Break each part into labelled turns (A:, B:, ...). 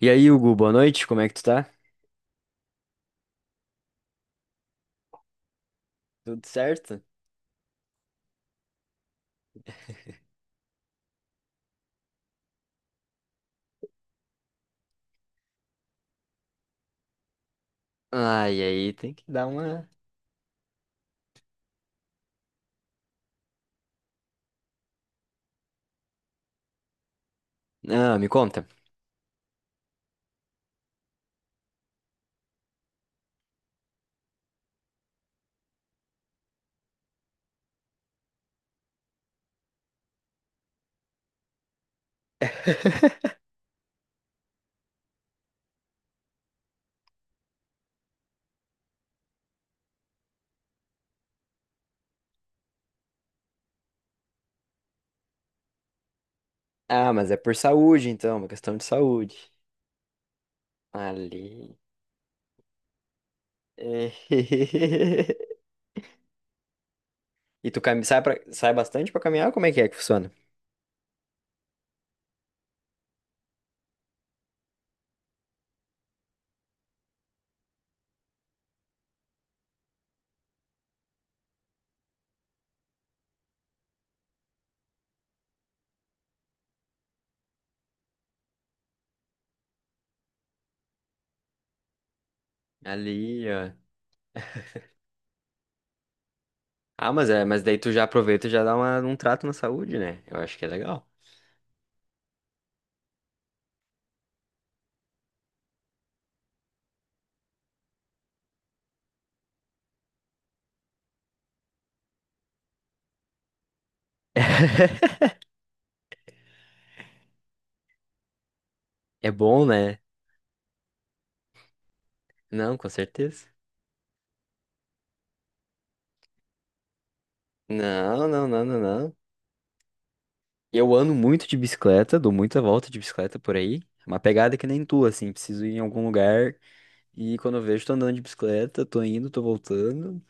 A: E aí, Hugo, boa noite, como é que tu tá? Tudo certo? Ah, e aí tem que dar uma. Ah, me conta. Ah, mas é por saúde, então, uma questão de saúde. Ali. É. E sai, sai bastante pra caminhar? Como é que funciona? Ali, ó. Ah, mas daí tu já aproveita e já dá um trato na saúde, né? Eu acho que é legal. É bom, né? Não, com certeza. Não, não, não, não, não. Eu ando muito de bicicleta, dou muita volta de bicicleta por aí. Uma pegada que nem tu, assim, preciso ir em algum lugar e quando eu vejo, tô andando de bicicleta, tô indo, tô voltando.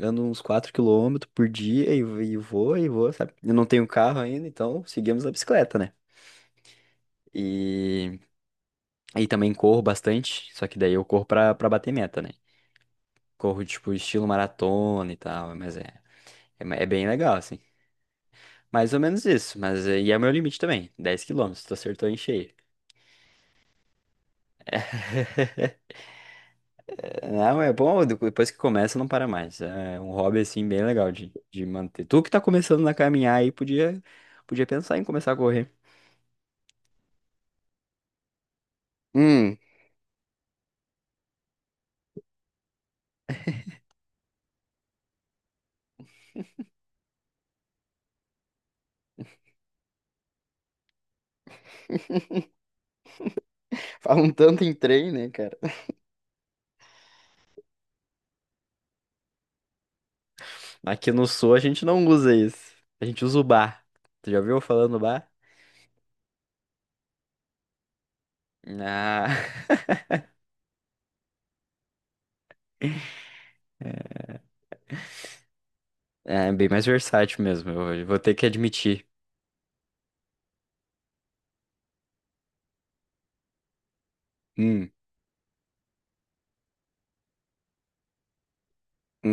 A: Ando uns 4 quilômetros por dia e vou, sabe? Eu não tenho carro ainda, então seguimos a bicicleta, né? E, e também corro bastante, só que daí eu corro pra bater meta, né? Corro, tipo, estilo maratona e tal, mas é bem legal, assim. Mais ou menos isso, mas é o meu limite também, 10 quilômetros tu acertou em cheio. Não, é bom, depois que começa não para mais. É um hobby assim bem legal de manter. Tu que tá começando a caminhar aí podia pensar em começar a correr. Hum. Falam tanto em trem, né, cara? Aqui no sul a gente não usa isso. A gente usa o bar. Tu já ouviu falando do bar? Ah. É bem mais versátil mesmo, eu vou ter que admitir. Hum.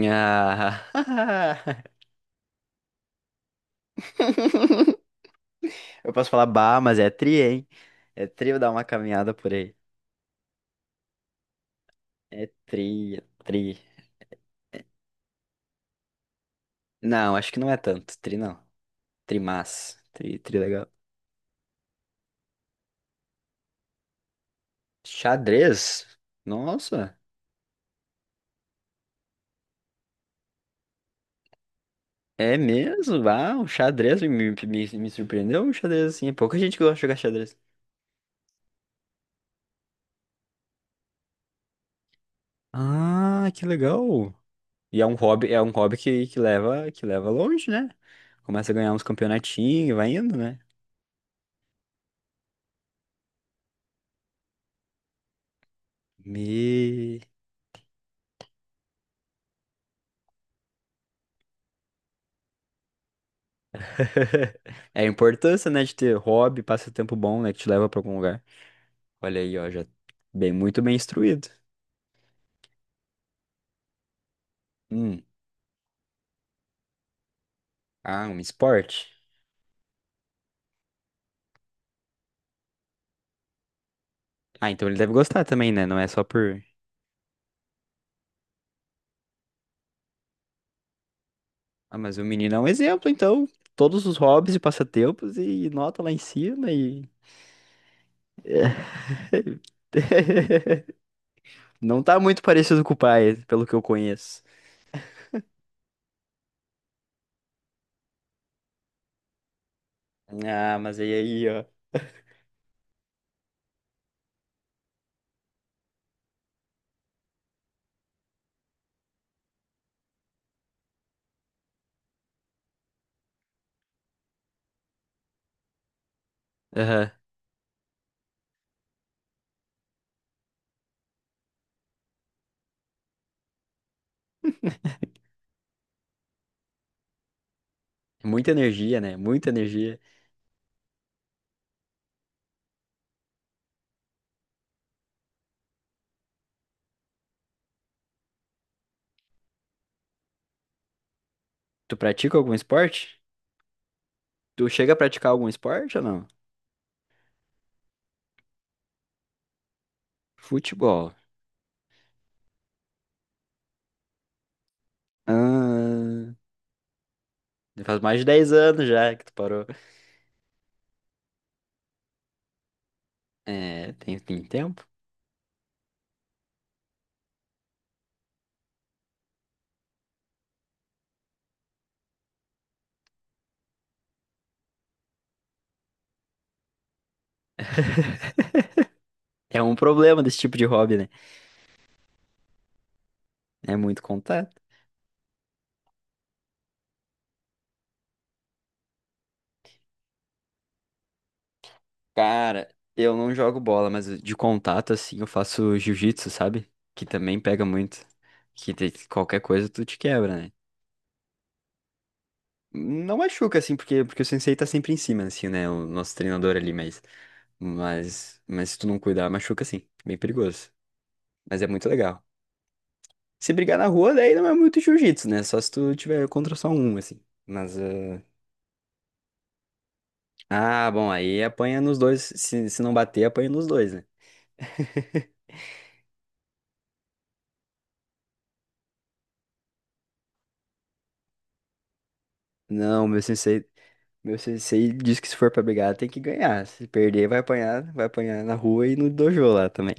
A: Ah. Eu posso falar bar, mas é tri, hein? É tri eu dar uma caminhada por aí. É tri, é tri. Não, acho que não é tanto. Tri não. Trimás. Tri, tri legal. Xadrez? Nossa, é mesmo? Ah, o xadrez me surpreendeu. O xadrez, assim, é pouca gente que gosta de jogar xadrez. Ah, que legal. E é um hobby que leva longe, né? Começa a ganhar uns campeonatinhos, vai indo, né? Me... É a importância, né, de ter hobby, passatempo bom, né, que te leva pra algum lugar. Olha aí, ó, já muito bem instruído. Hum. Ah, um esporte? Ah, então ele deve gostar também, né? Não é só por. Ah, mas o menino é um exemplo, então. Todos os hobbies e passatempos e nota lá em cima e. Não tá muito parecido com o pai, pelo que eu conheço. Ah, mas aí, ó. Aham. Muita energia, né? Muita energia. Tu pratica algum esporte? Tu chega a praticar algum esporte ou não? Futebol. Ah, faz mais de 10 anos já que tu parou. É, tem tempo? É um problema desse tipo de hobby, né? É muito contato. Cara, eu não jogo bola, mas de contato, assim, eu faço jiu-jitsu, sabe? Que também pega muito. Qualquer coisa tu te quebra, né? Não machuca, assim, porque o sensei tá sempre em cima, assim, né? O nosso treinador ali, mas. Mas se tu não cuidar, machuca, sim. Bem perigoso. Mas é muito legal. Se brigar na rua, daí não é muito jiu-jitsu, né? Só se tu tiver contra só um, assim. Mas. Ah, bom, aí apanha nos dois. Se não bater, apanha nos dois, né? Não, meu sensei. Meu sensei diz que se for pra brigar, tem que ganhar. Se perder, vai apanhar na rua e no dojo lá também.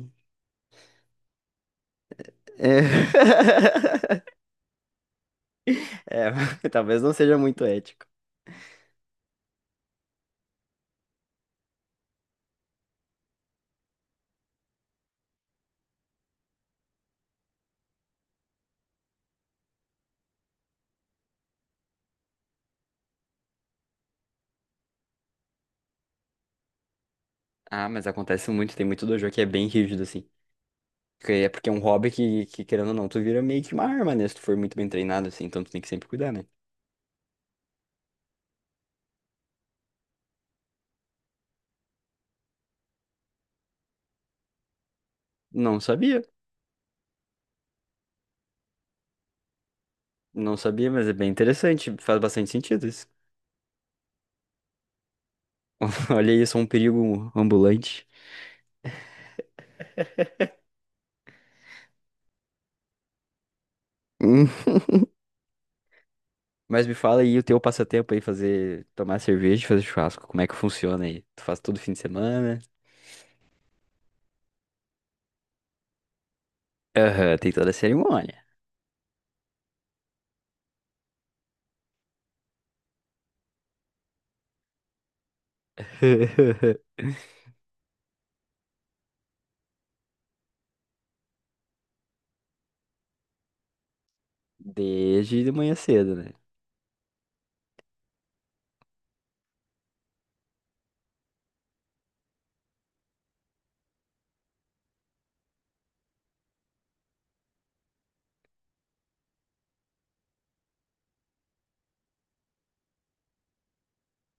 A: É, é talvez não seja muito ético. Ah, mas acontece muito, tem muito dojo que é bem rígido, assim. Porque é um hobby que, querendo ou não, tu vira meio que uma arma, né? Se tu for muito bem treinado, assim, então tu tem que sempre cuidar, né? Não sabia, não sabia, mas é bem interessante, faz bastante sentido isso. Olha isso, é um perigo ambulante. Mas me fala aí o teu passatempo aí, fazer, tomar cerveja e fazer churrasco. Como é que funciona aí? Tu faz todo fim de semana? Aham, tem toda a cerimônia. Desde de manhã cedo, né?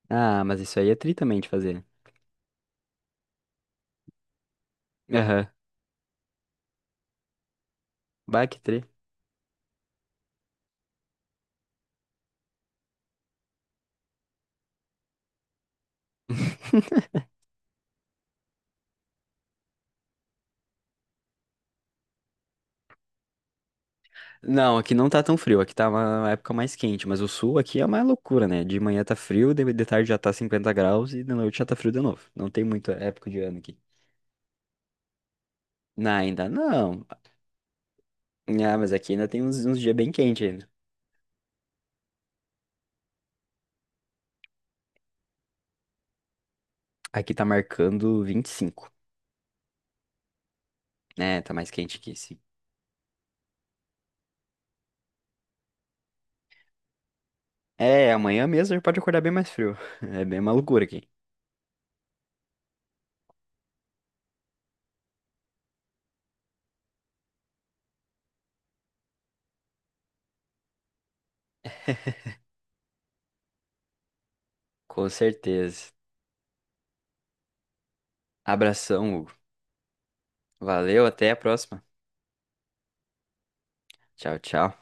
A: Ah, mas isso aí é tri também de fazer. Aham. Bah, que tri. Não, aqui não tá tão frio, aqui tá uma época mais quente, mas o sul aqui é uma loucura, né? De manhã tá frio, de tarde já tá 50 graus e de noite já tá frio de novo. Não tem muita época de ano aqui. Não, ainda não. Ah, mas aqui ainda tem uns dias bem quentes ainda. Aqui tá marcando 25, né? Tá mais quente aqui, sim. É, amanhã mesmo a gente pode acordar bem mais frio. É bem uma loucura aqui. Com certeza. Abração, Hugo. Valeu, até a próxima. Tchau, tchau.